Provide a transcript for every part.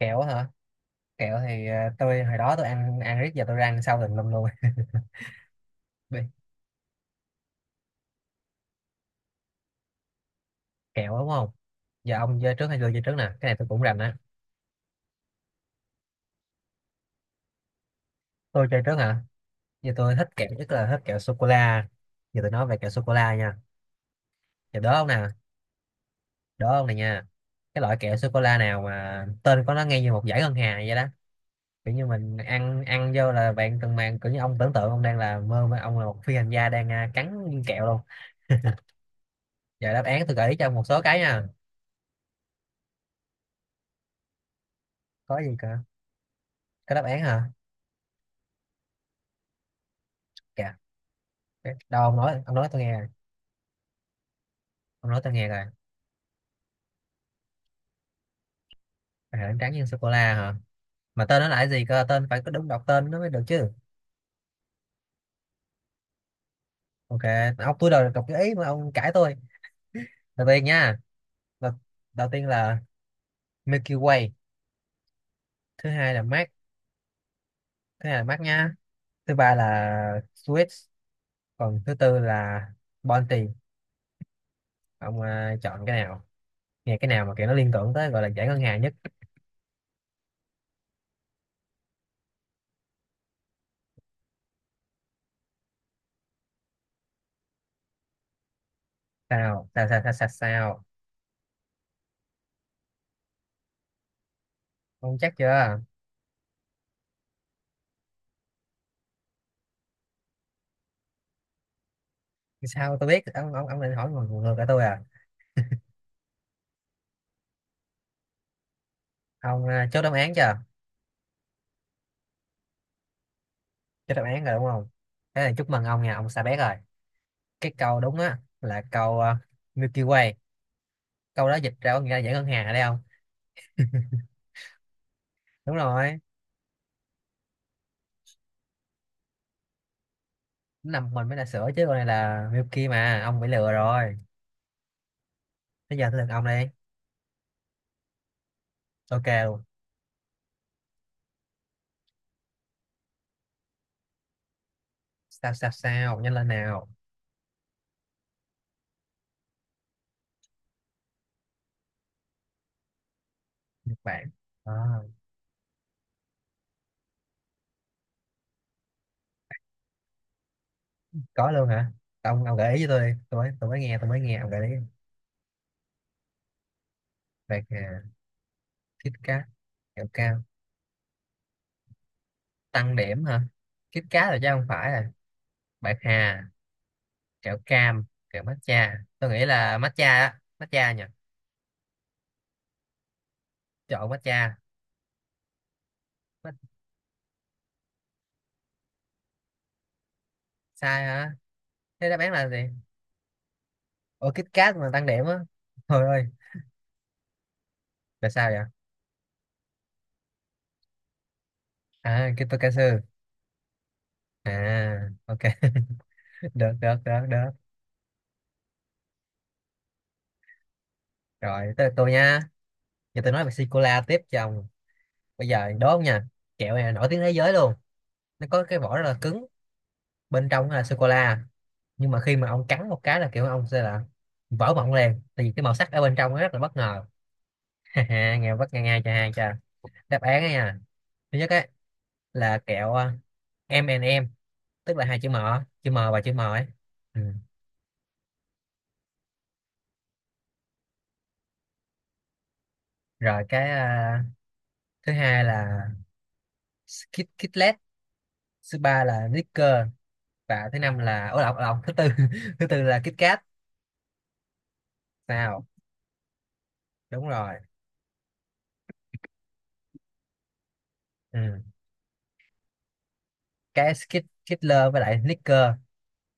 Kẹo hả? Kẹo thì tôi hồi đó tôi ăn ăn riết giờ tôi ra ăn sau tùm lum luôn Bị kẹo đúng không? Giờ ông chơi trước hay tôi chơi trước nè, cái này tôi cũng rành á. Tôi chơi trước hả? Giờ tôi thích kẹo nhất là thích kẹo sô cô la. Giờ tôi nói về kẹo sô cô la nha. Giờ đố ông nè. Đố ông này nha. Cái loại kẹo sô cô la nào mà tên của nó nghe như một dải ngân hà vậy đó? Kiểu như mình ăn ăn vô là bạn cần màng. Kiểu như ông tưởng tượng ông đang là mơ mà ông là một phi hành gia đang cắn viên kẹo luôn. Giờ đáp án tôi gợi ý cho ông một số cái nha. Có gì cả? Có đáp án hả? Kìa, đâu ông nói, ông nói tôi nghe. Ông nói tôi nghe rồi. À, trắng tráng nhân sô cô la hả? Mà tên nó là cái gì cơ, tên phải có đúng đọc tên nó mới được chứ. Ok. Ông tôi đòi đọc cái ý mà ông cãi tôi. Đầu tiên nha. Đầu, đầu tiên là Milky Way. Thứ hai là Mars. Thứ hai là Mars nha. Thứ ba là Swiss. Còn thứ tư là Bounty. Ông chọn cái nào, nghe cái nào mà kiểu nó liên tưởng tới gọi là giải ngân hàng nhất? Sao sao sao sao sao, Sao? Ông chắc chưa? Sao tôi biết, ông ông định hỏi ngược ngược lại tôi à? Ông chốt đáp án chưa? Cho đáp án rồi đúng không? Thế là chúc mừng ông nha, ông Sa Bét rồi. Cái câu đúng á là câu Milky Way. Câu đó dịch ra có nghĩa là dãy ngân hàng ở đây không? Đúng rồi. Nằm mình mới là sữa chứ, còn này là Milky mà, ông bị lừa rồi. Bây giờ tới lượt ông đi. Ok luôn. Sao sao sao, nhanh lên nào. Nhật Bản. Ờ, có luôn hả? Ông gợi ý cho tôi đi. Tôi mới nghe ông gợi ý. Bạc hà, Kit Kat, kẹo cao. Tăng điểm hả? Kit Kat rồi chứ, không phải rồi. Bạc hà. Kẹo cam, kẹo matcha. Tôi nghĩ là matcha á, matcha nhỉ. Chọn matcha. Mat- sai hả? Thế đáp án là gì? Ủa Kit Kat mà tăng điểm á? Thôi ơi. Là sao vậy? À, Kitokasu. À, ok. được được được được Rồi tới lượt tôi nha. Giờ tôi nói về sô cô la tiếp cho ông. Bây giờ đố không nha. Kẹo này là nổi tiếng thế giới luôn. Nó có cái vỏ rất là cứng, bên trong là sô cô la, nhưng mà khi mà ông cắn một cái là kiểu ông sẽ là vỡ mộng liền, tại vì cái màu sắc ở bên trong nó rất là bất ngờ. Ha ha, nghe bất nghe ngay cho hai cho đáp án ấy nha. Thứ nhất ấy là kẹo M and M, tức là hai chữ M, chữ M và chữ M ấy. Ừ. Rồi cái thứ hai là Kit Kitlet. Thứ ba là Snickers. Và thứ năm là ổ lọc lọc thứ tư thứ tư là Kit Kat nào. Đúng rồi. Ừ. Cái Skit Kitler với lại Snickers.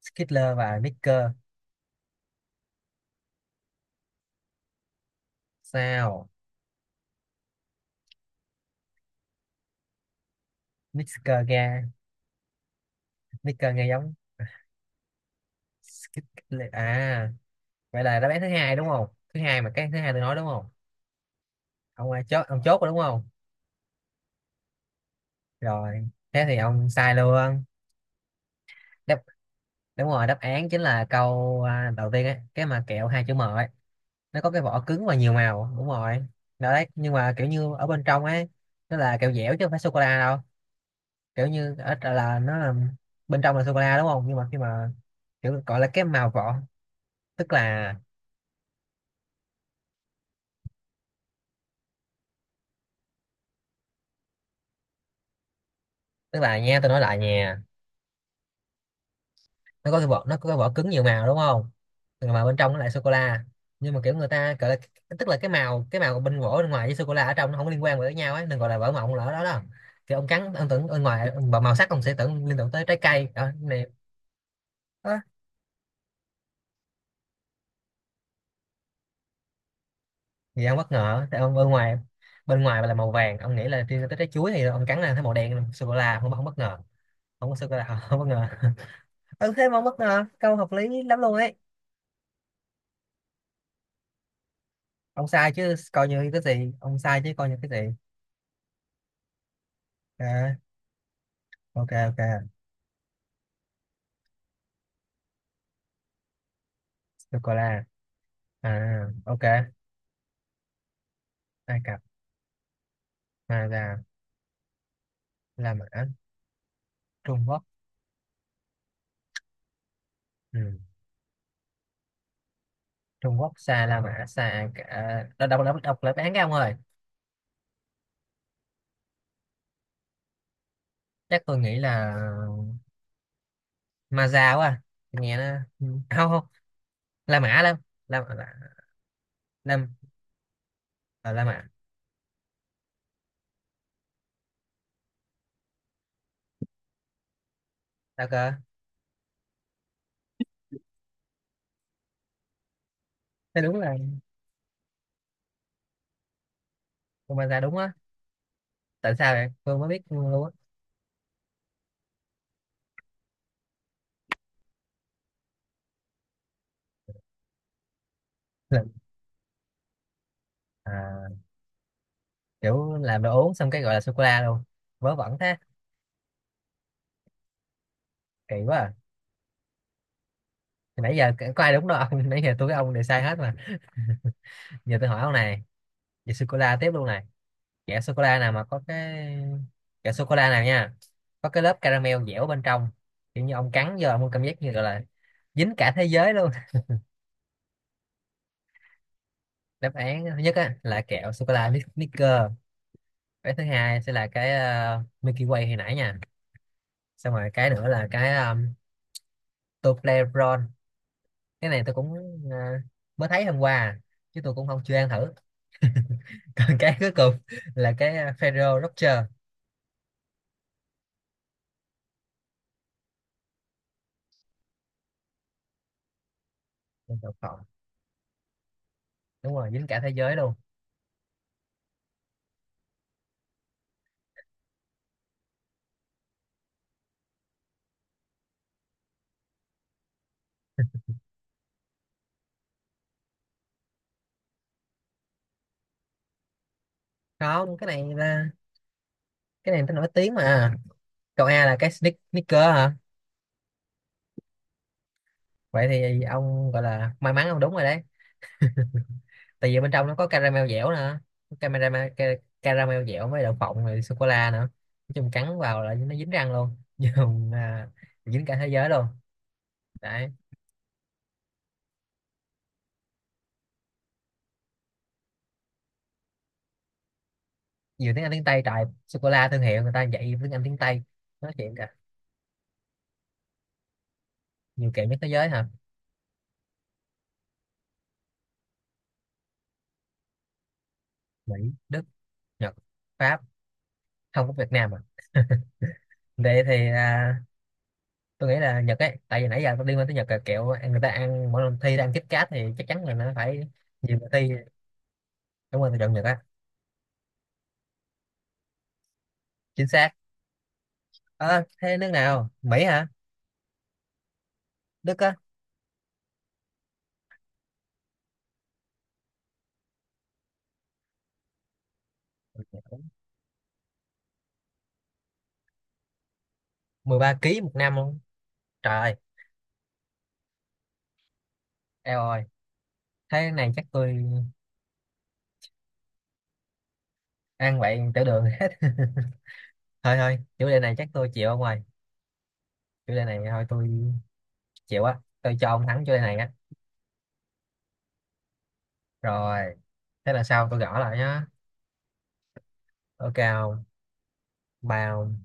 Skittler và Snickers. Sao? Snickers nghe. Snickers nghe giống. Skit Kitlet. À, vậy là đáp án thứ hai đúng không? Thứ hai mà, cái thứ hai tôi nói đúng không? Ông ai chốt, ông chốt rồi đúng không? Rồi thế thì ông sai luôn. Đáp đúng rồi, đáp án chính là câu đầu tiên ấy, cái mà kẹo hai chữ M ấy. Nó có cái vỏ cứng và nhiều màu đúng rồi. Đó đấy, nhưng mà kiểu như ở bên trong ấy, nó là kẹo dẻo chứ không phải sô cô la đâu. Kiểu như ở là nó là bên trong là sô cô la đúng không, nhưng mà khi mà kiểu gọi là cái màu vỏ, tức là nha tôi nói lại nha. Nó có cái vỏ, nó có cái vỏ cứng nhiều màu đúng không, mà bên trong nó lại sô cô la. Nhưng mà kiểu người ta gọi là, tức là cái màu, cái màu bên vỏ bên ngoài với sô cô la ở trong nó không liên quan với nhau ấy, đừng gọi là vỏ mộng lỡ đó đó. Thì ông cắn ông tưởng bên ngoài ông- màu sắc ông sẽ tưởng liên tưởng tới trái cây đó này. Đó. Thì ông bất ngờ tại ông bên ngoài, bên ngoài là màu vàng ông nghĩ là liên tưởng tới trái chuối, thì ông cắn là thấy màu đen sô cô la, không không bất ngờ, không có sô cô la. Không bất ngờ. Ừ thế mà ông bất ngờ, câu hợp lý lắm luôn ấy. Ông sai chứ coi như cái gì, ông sai chứ coi như cái gì. à, ok ok. Sô cô la. À, ok. Ai Cập, Hoa Gia, La Mã, Trung Quốc. Ừ. Trung Quốc xa, La Mã xa, Ai Cập. À, đọc lại án cái ông ơi. Chắc tôi nghĩ là Ma Gia quá. À. Tôi nghe nó. Ừ. không Không La Mã lắm. La Mã. La La, ờ, La Mã. Sao cơ? Thế đúng là con Ma Gia đúng á. Tại sao vậy? Tôi mới biết luôn á. Là- à, kiểu làm đồ uống xong cái gọi là sô cô la luôn. Vớ vẩn thế. Kỳ quá. À. Nãy giờ có ai đúng đâu ông. Nãy giờ tôi với ông đều sai hết mà. Giờ tôi hỏi ông này. Về sô cô la tiếp luôn này, kẹo sô cô la nào mà có cái, kẹo sô cô la nào nha, có cái lớp caramel dẻo bên trong, kiểu như ông cắn vô ông có cảm giác như gọi là dính cả thế giới luôn. Đáp án thứ nhất á, là kẹo sô cô la Snickers. Cái thứ hai sẽ là cái Milky Way hồi nãy nha. Xong rồi cái nữa là cái Toblerone. Cái này tôi cũng ờ, mới thấy hôm qua chứ tôi cũng không chưa ăn thử. Còn cái cuối cùng là cái Ferrero Rocher. Con cọp. Đúng rồi dính cả thế giới luôn. Không cái này là, cái này tao nổi tiếng mà. Câu A là cái sneak- sneaker hả? Vậy thì ông gọi là may mắn, ông đúng rồi đấy. Tại vì bên trong nó có caramel dẻo nữa. Caramel, ca- caramel dẻo với đậu phộng rồi sô cô la nữa. Nói chung cắn vào là nó dính răng luôn. Dùng dính cả thế giới luôn. Đấy. Nhiều tiếng Anh tiếng Tây trời, sô cô la thương hiệu người ta dạy tiếng Anh tiếng Tây nói chuyện cả. Nhiều kiểu nhất thế giới hả? Mỹ, Đức, Nhật, Pháp, không có Việt Nam à. Vậy thì tôi nghĩ là Nhật ấy, tại vì nãy giờ tôi liên quan tới Nhật là kiểu ăn- người ta ăn mỗi lần thi đang kít cát thì chắc chắn là nó phải nhiều người thi. Đúng rồi, tôi chọn Nhật á. Chính xác. Ờ thế nước nào, Mỹ hả? Đức á? 13 kg một năm luôn, trời ơi, eo ơi. Thế này chắc tôi ăn vậy tiểu đường hết. Thôi thôi chủ đề này chắc tôi chịu ông ơi. Chủ đề này thôi tôi chịu á, tôi cho ông thắng chủ đề này á. Rồi thế là sau tôi gõ lại nhá. Ok không bao.